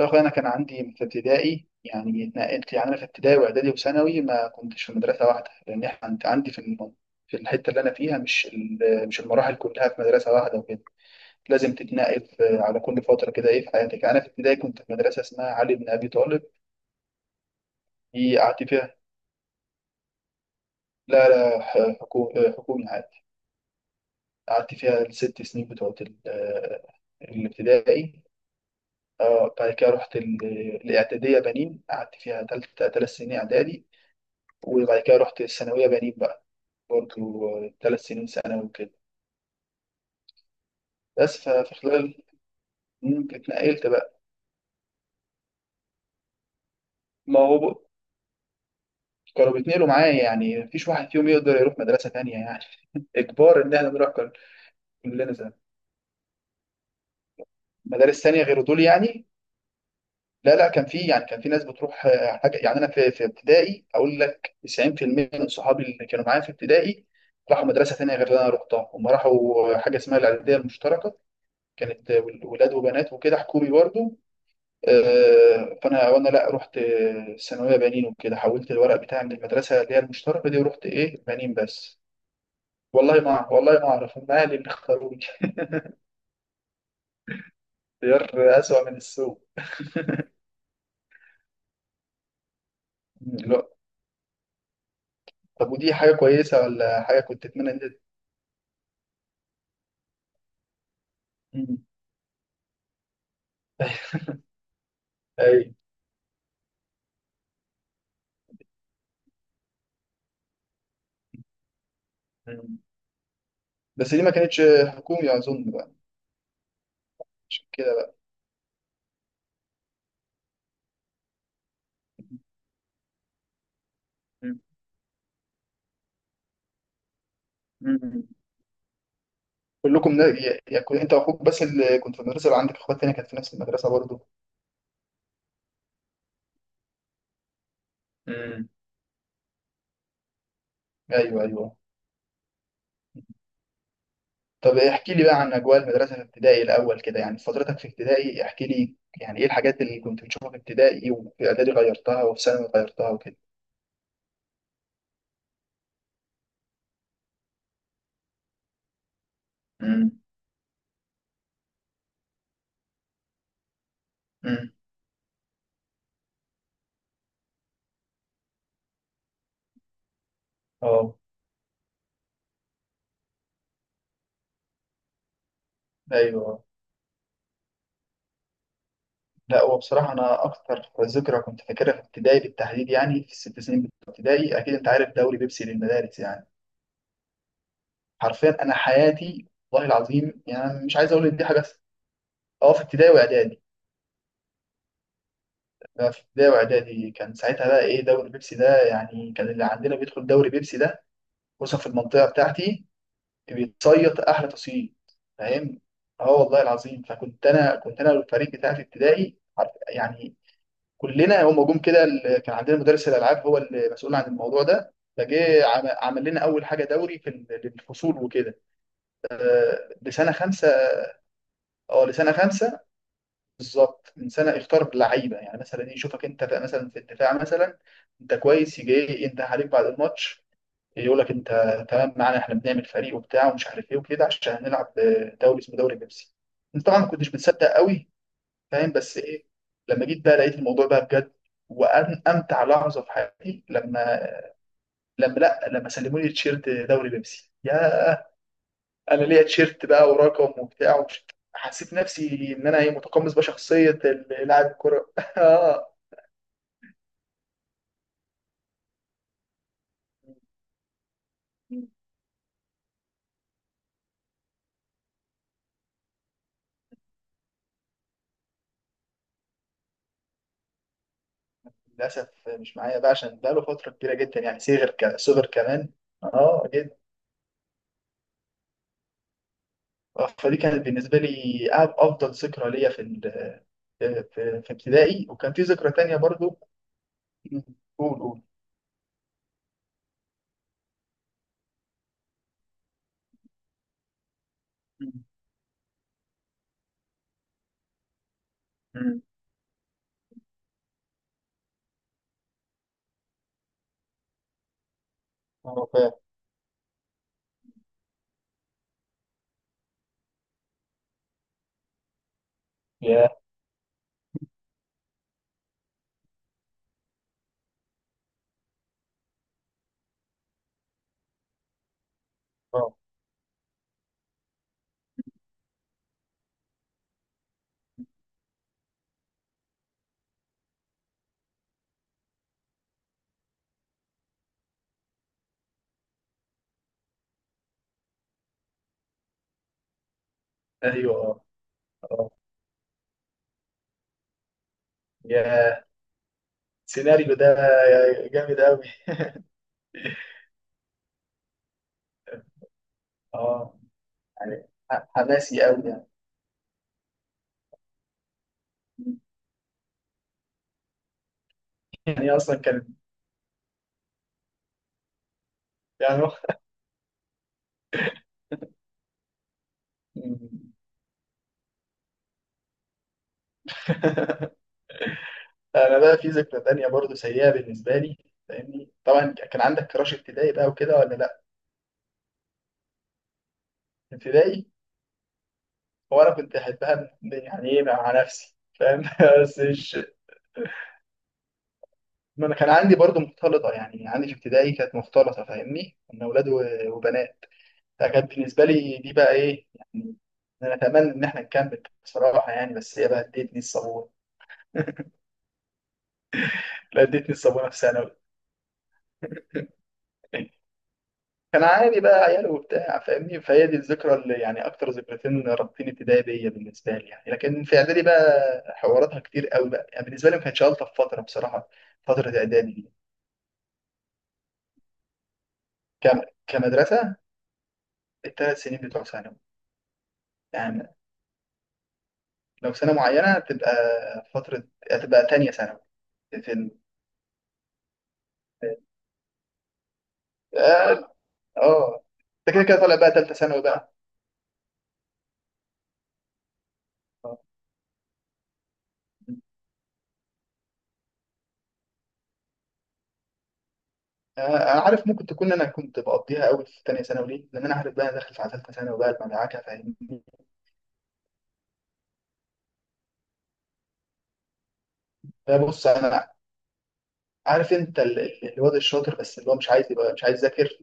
يا أخويا، أنا كان عندي في ابتدائي. يعني اتنقلت. يعني أنا في ابتدائي وإعدادي وثانوي ما كنتش في مدرسة واحدة، لأن إحنا عندي في الحتة اللي أنا فيها، مش المراحل كلها في مدرسة واحدة وكده. لازم تتنقل على كل فترة كده، إيه، في حياتك. أنا في ابتدائي كنت في مدرسة اسمها علي بن أبي طالب، دي قعدت فيها. لا، حكومي عادي. قعدت فيها 6 سنين بتوعت الابتدائي. اه، بعد كده رحت الإعدادية بنين، قعدت فيها 3 سنين إعدادي. وبعد كده رحت الثانوية بنين بقى، برضو 3 سنين ثانوي وكده. بس ففي خلال، اتنقلت بقى. ما هو بق- كانوا بيتنقلوا معايا، يعني مفيش واحد فيهم يقدر يروح مدرسة تانية يعني. إجبار إن إحنا نروح كلنا زي مدارس تانية غير دول يعني. لا، كان في، يعني كان في ناس بتروح، حاجة يعني. أنا في ابتدائي، أقول لك 90% من صحابي اللي كانوا معايا في ابتدائي راحوا مدرسة تانية غير اللي أنا رحتها. هم راحوا حاجة اسمها الإعدادية المشتركة، كانت ولاد وبنات وكده، حكومي برضه. فانا لا، رحت ثانويه بنين وكده، حولت الورق بتاعي من المدرسه اللي هي المشتركه دي، ورحت ايه، بنين بس. والله ما اعرف، هم اهلي اللي اختاروني. اختيار اسوأ من السوق. مم، لا. طب ودي حاجه كويسه، ولا حاجه كنت اتمنى ان انت؟ مم. اي. مم. بس دي ما كانتش حكومي اظن بقى، عشان كده بقى. مم. مم. يا، كنت انت واخوك بس اللي كنت في المدرسه، ولا عندك اخوات تانية كانت في نفس المدرسه برضه؟ امم. ايوه، ايوه. طب احكي لي بقى عن اجواء المدرسه في ابتدائي الاول كده. يعني فترتك في ابتدائي احكي لي، يعني ايه الحاجات اللي كنت بتشوفها في ابتدائي، وفي اعدادي غيرتها، وفي ثانوي غيرتها وكده. امم. امم. اه. ايوه. لا، هو بصراحه انا اكتر ذكرى كنت فاكرها في ابتدائي بالتحديد، يعني في 6 سنين بتوع ابتدائي، اكيد انت عارف دوري بيبسي للمدارس يعني. حرفيا انا حياتي، والله العظيم، يعني مش عايز اقول ان دي حاجه بس. اه، في ابتدائي واعدادي. لا، في ابتدائي واعدادي كان ساعتها بقى ايه، دوري بيبسي ده يعني، كان اللي عندنا بيدخل دوري بيبسي ده فرصة في المنطقة بتاعتي. بيتصيد أحلى تصييد، فاهم؟ اه، والله العظيم. فكنت أنا والفريق في ابتدائي عارف، يعني كلنا هم جم كده. كان عندنا مدرس الألعاب هو المسؤول عن الموضوع ده، عمل لنا أول حاجة دوري في الفصول وكده. لسنة 5. اه، لسنة 5 بالظبط. من سنة اختار لعيبة، يعني مثلا يشوفك أنت بقى مثلا في الدفاع مثلا. أنت كويس، يجي ينده عليك بعد الماتش، يقول لك انت تمام، معانا احنا بنعمل فريق وبتاع ومش عارف ايه وكده، عشان هنلعب دوري اسمه دوري بيبسي. انت طبعا ما كنتش متصدق قوي، فاهم؟ بس ايه، لما جيت بقى لقيت الموضوع بقى بجد. وأن امتع لحظه في حياتي لما، لما لا لما سلموا لي تيشيرت دوري بيبسي، يا، انا ليا تيشيرت بقى، ورقم، وبتاع، ومش، حسيت نفسي ان انا ايه، متقمص بقى شخصيه لاعب الكره. آه. للاسف مش معايا بقى، عشان بقى له فتره كبيره جدا، يعني صغر، صغر كمان. اه. فدي كانت بالنسبة لي أفضل ذكرى ليا في ال... في ابتدائي. وكان في ذكرى تانية برضو. مم. قول، قول. مم. مم. اه، فاهم. يا. اه. ايوه. اه. اه. يا، السيناريو ده جامد قوي. اه، يعني حماسي قوي يعني. مم. يعني اصلا كان، يعني مم. انا بقى في ذكرى تانية برضو سيئة بالنسبة لي. فاهمني، طبعا كان عندك كراش ابتدائي بقى وكده، ولا لا؟ ابتدائي. هو انا كنت احبها يعني، ايه مع نفسي فاهم. بس مش، ما انا كان عندي برضو مختلطه، يعني عندي في ابتدائي كانت مختلطه فاهمني، كنا اولاد وبنات. فكانت بالنسبه لي دي بقى ايه يعني، انا اتمنى ان احنا نكمل بصراحه يعني، بس هي بقى ادتني الصابونه. لا، ادتني الصابونه في ثانوي. كان عادي بقى، عيال وبتاع فاهمني. فهي دي الذكرى اللي، يعني اكتر ذكرتين رابطين ابتدائي بيا بالنسبه لي يعني. لكن في اعدادي بقى، حواراتها كتير قوي بقى، يعني بالنسبه لي ما كانتش الطف فتره بصراحه فتره اعدادي دي. كم؟ كمدرسة. ال 3 سنين بتوع ثانوي. يعني لو سنة معينة تبقى، فترة هتبقى تانية ثانوي. في ال... اه. آه. انت كده كده طالع بقى تالتة ثانوي بقى. آه. آه، انا عارف. ممكن تكون، انا كنت بقضيها قوي في تانية ثانوي ليه؟ لان انا عارف بقى أنا داخل في ثالثة ثانوي بقى المدعكة، فاهمني. فبص، انا عارف انت الواد الشاطر بس اللي هو مش عايز يبقى، مش عايز يذاكر.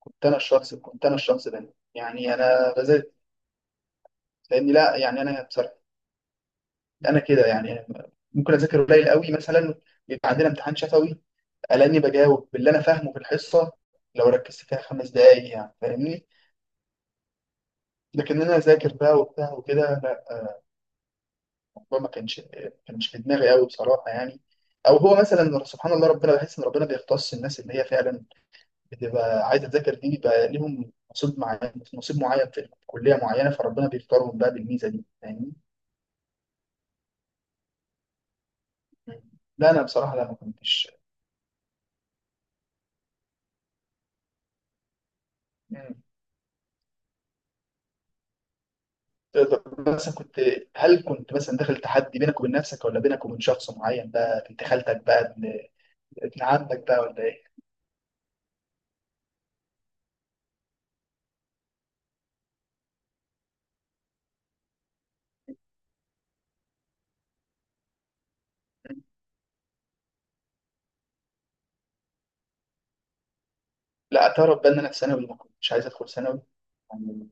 كنت انا الشخص ده يعني. انا بذاكر فاهمني، لا، يعني انا بصراحة انا كده يعني ممكن اذاكر قليل قوي مثلا، يبقى عندنا امتحان شفوي الاقيني بجاوب باللي انا فاهمه في الحصه، لو ركزت فيها 5 دقايق يعني فاهمني. لكن انا اذاكر بقى وبتاع وكده، لا، الموضوع ما كانش، كانش في دماغي قوي بصراحه يعني. او هو مثلا سبحان الله، ربنا بحس ان ربنا بيختص الناس اللي هي فعلا بتبقى عايزه تذاكر دي، بيبقى ليهم نصيب معين، نصيب معين في كليه معينه، فربنا بيختارهم بقى بالميزه دي فاهمني. لا انا بصراحه، لا، ما كنتش. طب مثلا كنت، هل كنت مثلا داخل تحدي بينك وبين نفسك، ولا بينك وبين شخص معين بقى، بنت خالتك بقى، ابن ابن عمك بقى، ولا ايه؟ لا، اعترف بقى ان انا في ثانوي ما كنتش عايز ادخل ثانوي يعني.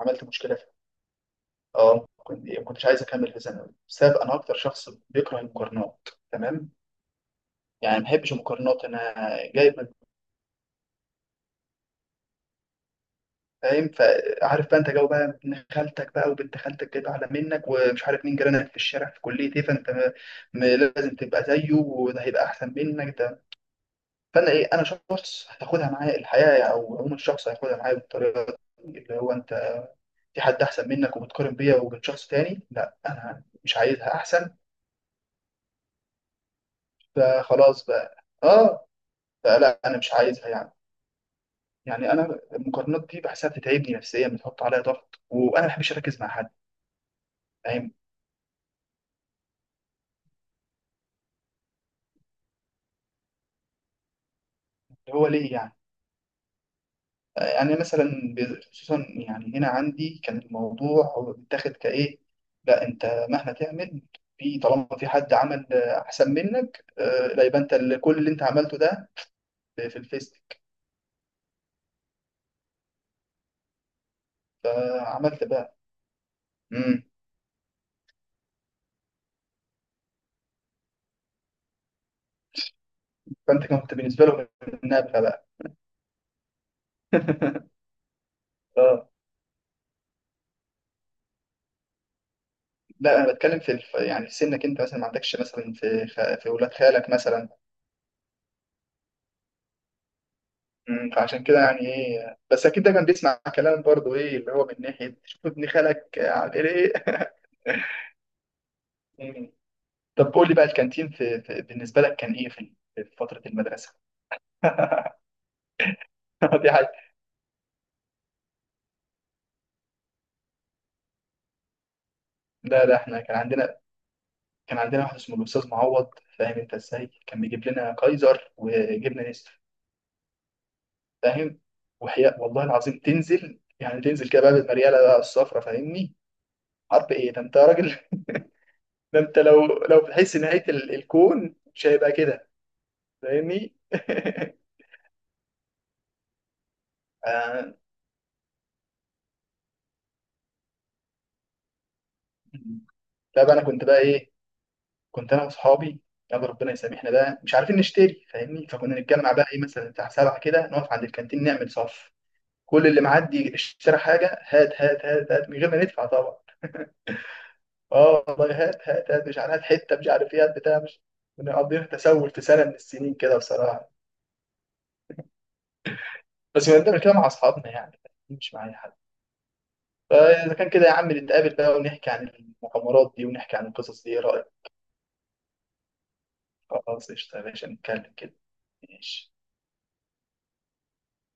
عملت مشكله في، اه، ما كنتش عايز اكمل في ثانوي، بسبب انا اكتر شخص بيكره المقارنات، تمام. يعني ما بحبش المقارنات انا. جايب، فاهم؟ فعارف بقى انت جو بقى، ابن خالتك بقى وبنت خالتك جايبه اعلى منك، ومش عارف مين جيرانك في الشارع في كليه ايه، فانت لازم تبقى زيه، وده هيبقى احسن منك ده. فانا ايه، انا شخص هتاخدها معايا الحياه يعني، او عموما الشخص هياخدها معايا بالطريقه دي، اللي هو انت في حد احسن منك، وبتقارن بيا وبين شخص تاني، لا، انا مش عايزها احسن. فخلاص بقى، اه. فلا، انا مش عايزها يعني. يعني انا المقارنات دي بحسها بتتعبني نفسيا، بتحط عليا ضغط، وانا ما بحبش اركز مع حد. فاهم؟ اللي هو ليه يعني؟ يعني مثلا خصوصا يعني هنا عندي كان الموضوع هو بيتاخد كايه، لا، انت مهما تعمل، في طالما في حد عمل احسن منك، لا، يبقى انت، كل اللي انت عملته ده في في الفيسبوك. فعملت بقى. امم. فانت كنت بالنسبه له النابغه بقى. اه. لا، انا بتكلم في الف... يعني في سنك انت مثلا، ما عندكش مثلا في خ... في ولاد خالك مثلا؟ فعشان كده يعني ايه، بس اكيد ده كان بيسمع كلام برضه، ايه اللي هو من ناحيه شوف ابن خالك عامل ايه. مم. طب قول لي بقى الكانتين في، في بالنسبه لك كان ايه في في فتره المدرسه؟ دي حاجه. لا، احنا كان عندنا، كان عندنا واحد اسمه الاستاذ معوض، فاهم انت ازاي، كان بيجيب لنا كايزر وجبنه نستر فاهم. وحياء والله العظيم، تنزل يعني تنزل كده بقى بالمرياله بقى الصفرا فاهمني. حرب ايه ده انت يا راجل! ده انت لو بتحس نهايه الكون مش هيبقى كده فاهمني. آه. لا بقى، انا كنت بقى ايه، كنت انا واصحابي، يلا ربنا يسامحنا بقى، مش عارفين نشتري فاهمني. فكنا نتجمع بقى ايه، مثلا بتاع 7 كده، نقف عند الكانتين نعمل صف، كل اللي معدي اشترى حاجه هات، هات، هات، هات، من غير ما ندفع طبعا. اه والله، هات، هات، هات، مش عارف، هات حته، مش عارف ايه، هات بتاع، مش، كنا مقضيين تسول في سنه من السنين كده بصراحه. بس كنا بنعمل كده مع اصحابنا يعني، مش معايا حد. فاذا كان كده يا عم، نتقابل بقى ونحكي عن المغامرات دي، ونحكي عن القصص دي، ايه رايك؟ خلاص قشطه يا باشا، نتكلم كده. ماشي.